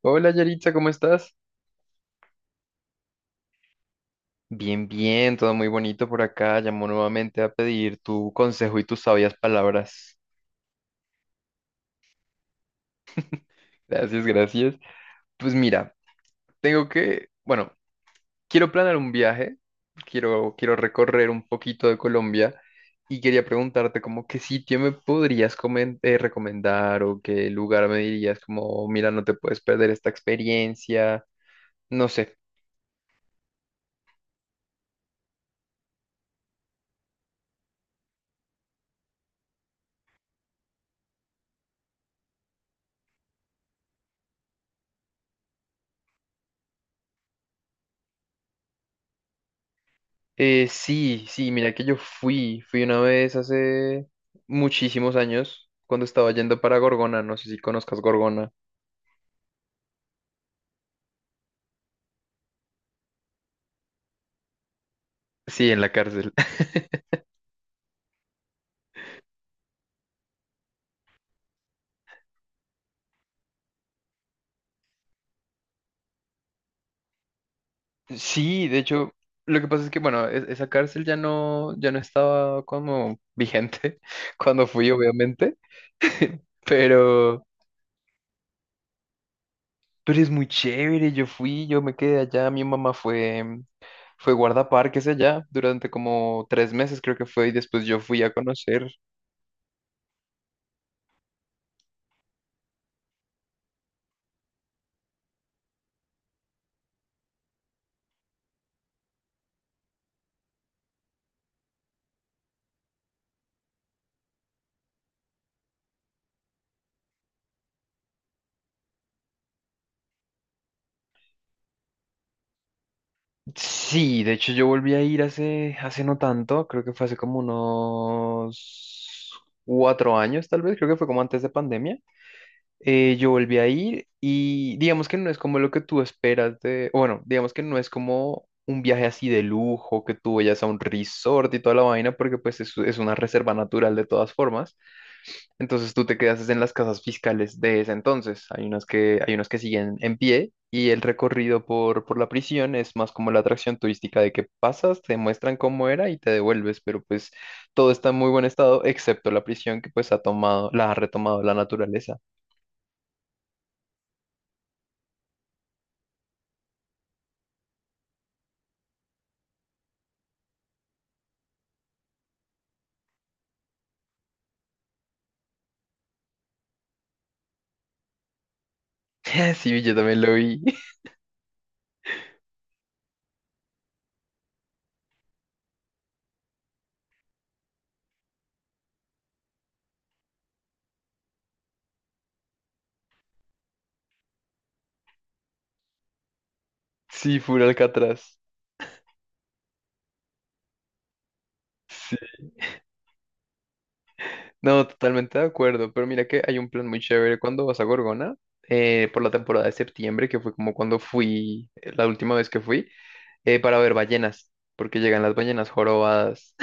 Hola Yaritza, ¿cómo estás? Bien, bien, todo muy bonito por acá. Llamo nuevamente a pedir tu consejo y tus sabias palabras. Gracias, gracias. Pues mira, bueno, quiero planear un viaje, quiero recorrer un poquito de Colombia y quería preguntarte como qué sitio me podrías recomendar o qué lugar me dirías como, mira, no te puedes perder esta experiencia. No sé. Sí, sí, mira que yo fui una vez hace muchísimos años cuando estaba yendo para Gorgona, no sé si conozcas Gorgona. Sí, en la cárcel. Sí, de hecho, lo que pasa es que, bueno, esa cárcel ya no estaba como vigente cuando fui, obviamente, pero, pero es muy chévere, yo fui, yo me quedé allá, mi mamá fue guardaparques allá durante como 3 meses, creo que fue, y después yo fui a conocer. Sí, de hecho yo volví a ir hace no tanto, creo que fue hace como unos 4 años tal vez, creo que fue como antes de pandemia. Yo volví a ir y digamos que no es como lo que tú esperas de, o bueno, digamos que no es como un viaje así de lujo, que tú vayas a un resort y toda la vaina, porque pues es una reserva natural de todas formas. Entonces tú te quedas es en las casas fiscales de ese entonces. Hay unas que siguen en pie y el recorrido por la prisión es más como la atracción turística de que pasas, te muestran cómo era y te devuelves, pero pues todo está en muy buen estado, excepto la prisión que pues ha tomado, la ha retomado la naturaleza. Sí, yo también lo vi. Sí, full Alcatraz. Sí. No, totalmente de acuerdo, pero mira que hay un plan muy chévere cuando vas a Gorgona, por la temporada de septiembre, que fue como cuando fui, la última vez que fui, para ver ballenas, porque llegan las ballenas jorobadas.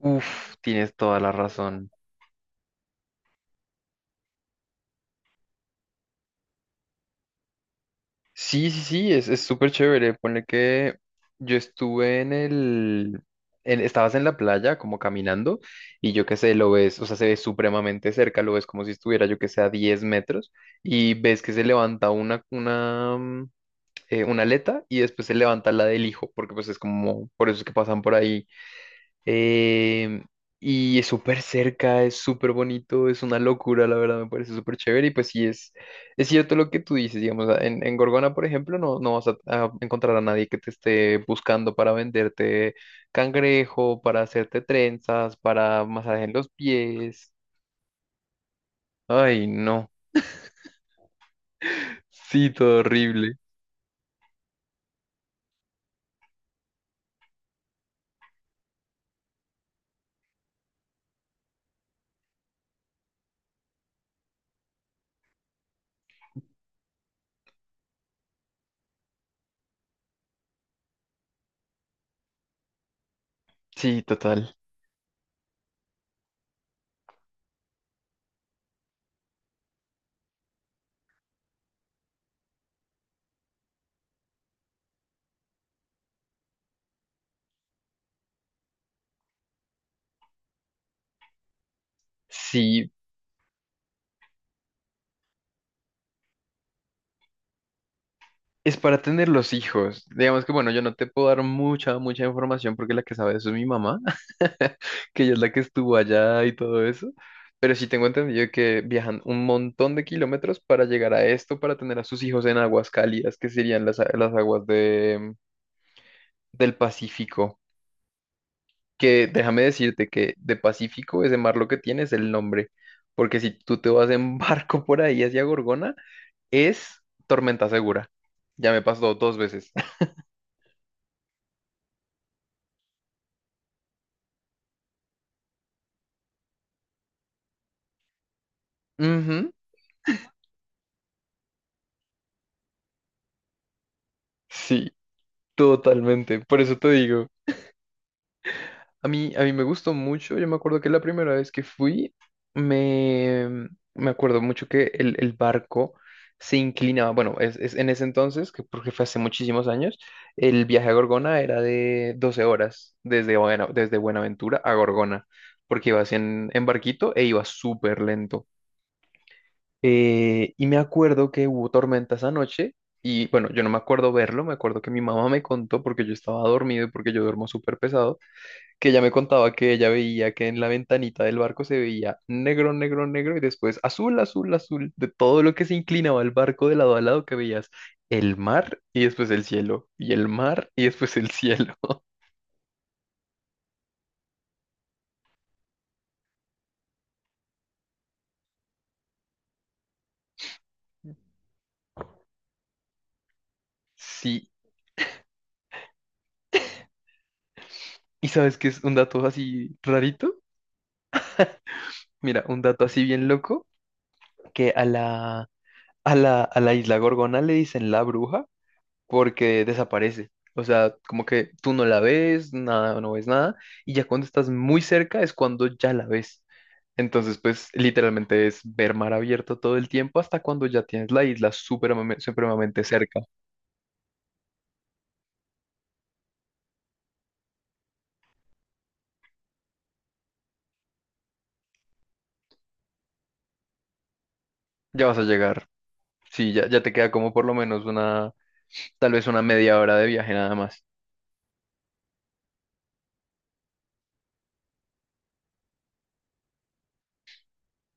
Uf, tienes toda la razón. Sí, sí, sí, es súper chévere. Pone que yo estuve estabas en la playa como caminando y yo qué sé, lo ves, o sea, se ve supremamente cerca, lo ves como si estuviera yo que sé a 10 metros y ves que se levanta una aleta y después se levanta la del hijo, porque pues es como, por eso es que pasan por ahí. Em, y es súper cerca, es súper bonito, es una locura, la verdad, me parece súper chévere. Y pues sí, es, cierto lo que tú dices, digamos, en Gorgona, por ejemplo, no, no vas a encontrar a nadie que te esté buscando para venderte cangrejo, para hacerte trenzas, para masaje en los pies. Ay, no. Sí, todo horrible. Sí, total. Sí, es para tener los hijos. Digamos que, bueno, yo no te puedo dar mucha, mucha información porque la que sabe eso es mi mamá, que ella es la que estuvo allá y todo eso. Pero sí tengo entendido que viajan un montón de kilómetros para llegar a esto, para tener a sus hijos en aguas cálidas, que serían las aguas del Pacífico. Que déjame decirte que de Pacífico ese mar lo que tiene es el nombre. Porque si tú te vas en barco por ahí hacia Gorgona, es tormenta segura. Ya me pasó 2 veces. Ujú. Sí, totalmente. Por eso te digo, a mí me gustó mucho. Yo me acuerdo que la primera vez que fui, me, me acuerdo mucho que el barco se inclinaba. Bueno, es en ese entonces, que porque fue hace muchísimos años, el viaje a Gorgona era de 12 horas desde, desde Buenaventura a Gorgona, porque ibas en barquito e iba súper lento. Y me acuerdo que hubo tormenta esa noche y bueno, yo no me acuerdo verlo, me acuerdo que mi mamá me contó porque yo estaba dormido y porque yo duermo súper pesado, que ella me contaba que ella veía que en la ventanita del barco se veía negro, negro, negro y después azul, azul, azul, de todo lo que se inclinaba el barco de lado a lado que veías el mar y después el cielo y el mar y después el cielo. Sí, ¿y sabes qué es un dato así rarito? Mira, un dato así bien loco que a la isla Gorgona le dicen la bruja porque desaparece. O sea, como que tú no la ves, nada, no ves nada, y ya cuando estás muy cerca es cuando ya la ves. Entonces, pues literalmente es ver mar abierto todo el tiempo hasta cuando ya tienes la isla supremamente cerca. Ya vas a llegar. Sí, ya, ya te queda como por lo menos una, tal vez una media hora de viaje nada más.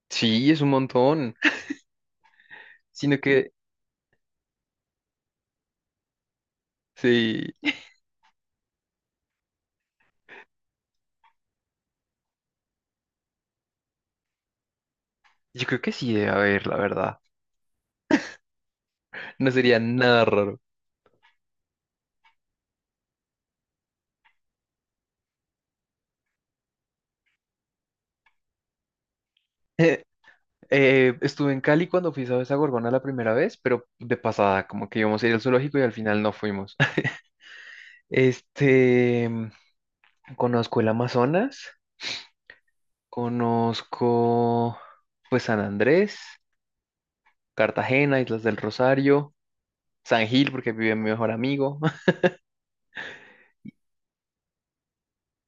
Sí, es un montón. Sino que, sí, yo creo que sí debe haber, la verdad. No sería nada raro. Estuve en Cali cuando fui a esa Gorgona la primera vez, pero de pasada, como que íbamos a ir al zoológico y al final no fuimos. Este, conozco el Amazonas, conozco pues San Andrés, Cartagena, Islas del Rosario, San Gil, porque vive mi mejor amigo.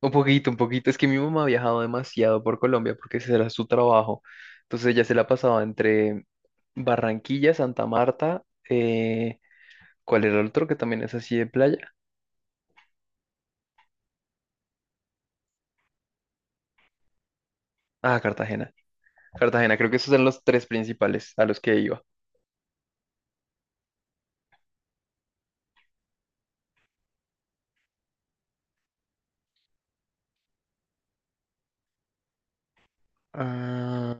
Un poquito, un poquito. Es que mi mamá ha viajado demasiado por Colombia porque ese era su trabajo. Entonces ella se la pasaba entre Barranquilla, Santa Marta, eh, ¿cuál era el otro que también es así de playa? Ah, Cartagena. Cartagena, creo que esos eran los tres principales a los que iba. Ah,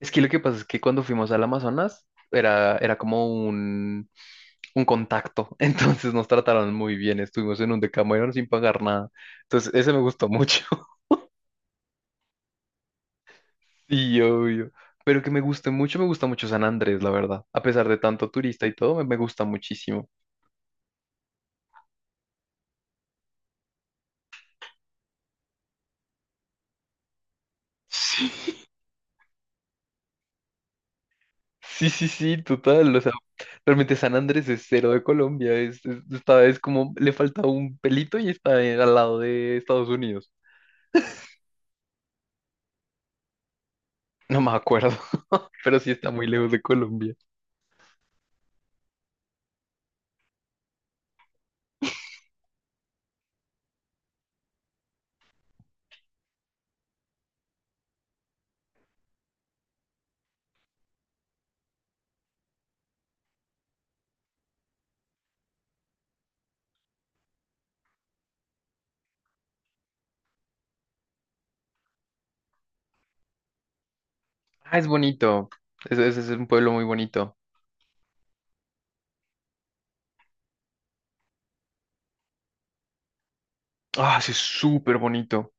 es que lo que pasa es que cuando fuimos al Amazonas era como un contacto, entonces nos trataron muy bien, estuvimos en un Decameron sin pagar nada, entonces ese me gustó mucho, sí, obvio, pero que me guste mucho, me, gusta mucho San Andrés, la verdad, a pesar de tanto turista y todo, me gusta muchísimo. Sí. Sí, sí, sí, total. O sea, realmente San Andrés es cero de Colombia. Está, es como le falta un pelito y está al lado de Estados Unidos. No me acuerdo, pero sí está muy lejos de Colombia. Ah, es bonito. Es un pueblo muy bonito. Ah, sí, es súper bonito.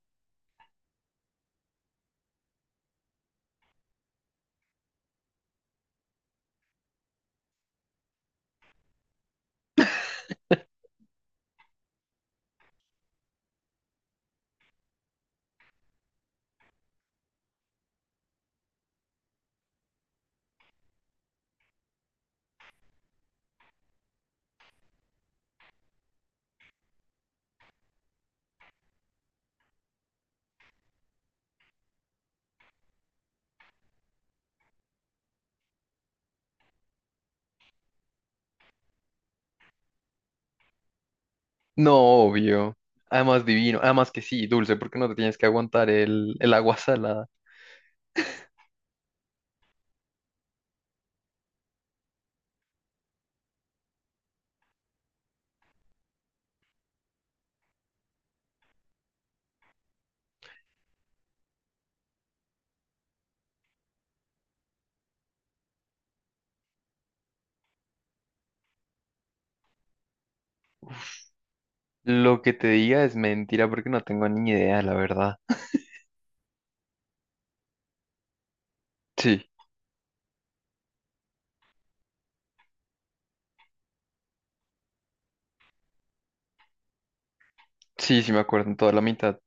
No, obvio. Además divino. Además que sí, dulce, porque no te tienes que aguantar el agua salada. Lo que te diga es mentira porque no tengo ni idea, la verdad. Sí, sí, sí me acuerdo en toda la mitad.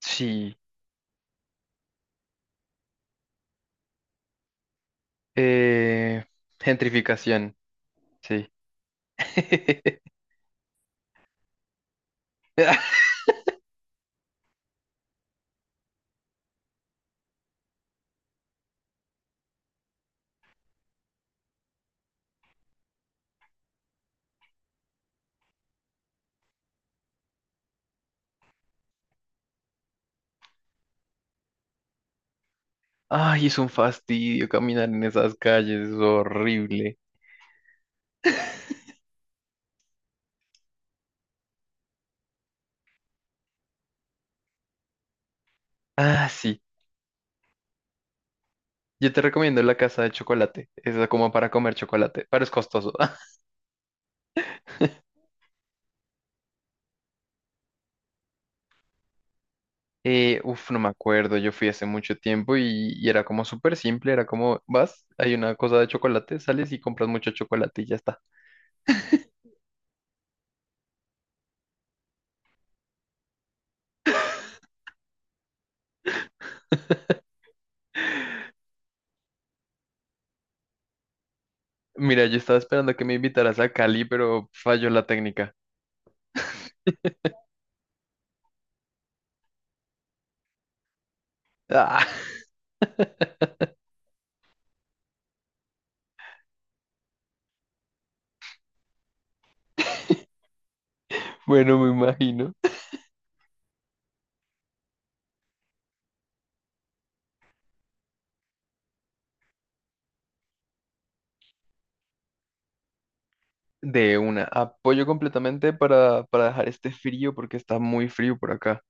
Sí. Eh, gentrificación, sí. Ay, es un fastidio caminar en esas calles, es horrible. Ah, sí. Yo te recomiendo la casa de chocolate. Es como para comer chocolate, pero es costoso. No me acuerdo. Yo fui hace mucho tiempo y era como súper simple. Era como, vas, hay una cosa de chocolate, sales y compras mucho chocolate y ya está. Mira, yo estaba esperando que me invitaras a Cali, pero falló la técnica. Ah, bueno, me imagino. De una, apoyo completamente para dejar este frío porque está muy frío por acá.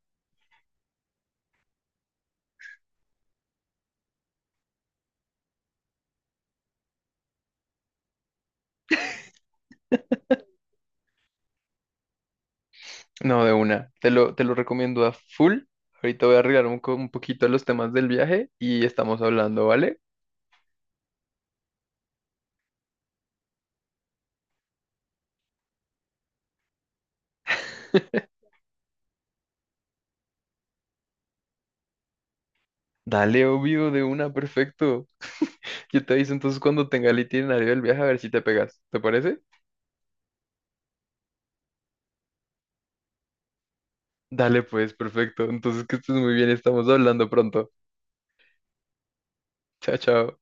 No, de una, te lo recomiendo a full. Ahorita voy a arreglar un poquito los temas del viaje y estamos hablando, ¿vale? Dale, obvio, de una, perfecto. Yo te aviso entonces cuando tenga el itinerario del viaje a ver si te pegas, ¿te parece? Dale, pues, perfecto. Entonces que estés muy bien, estamos hablando pronto. Chao, chao.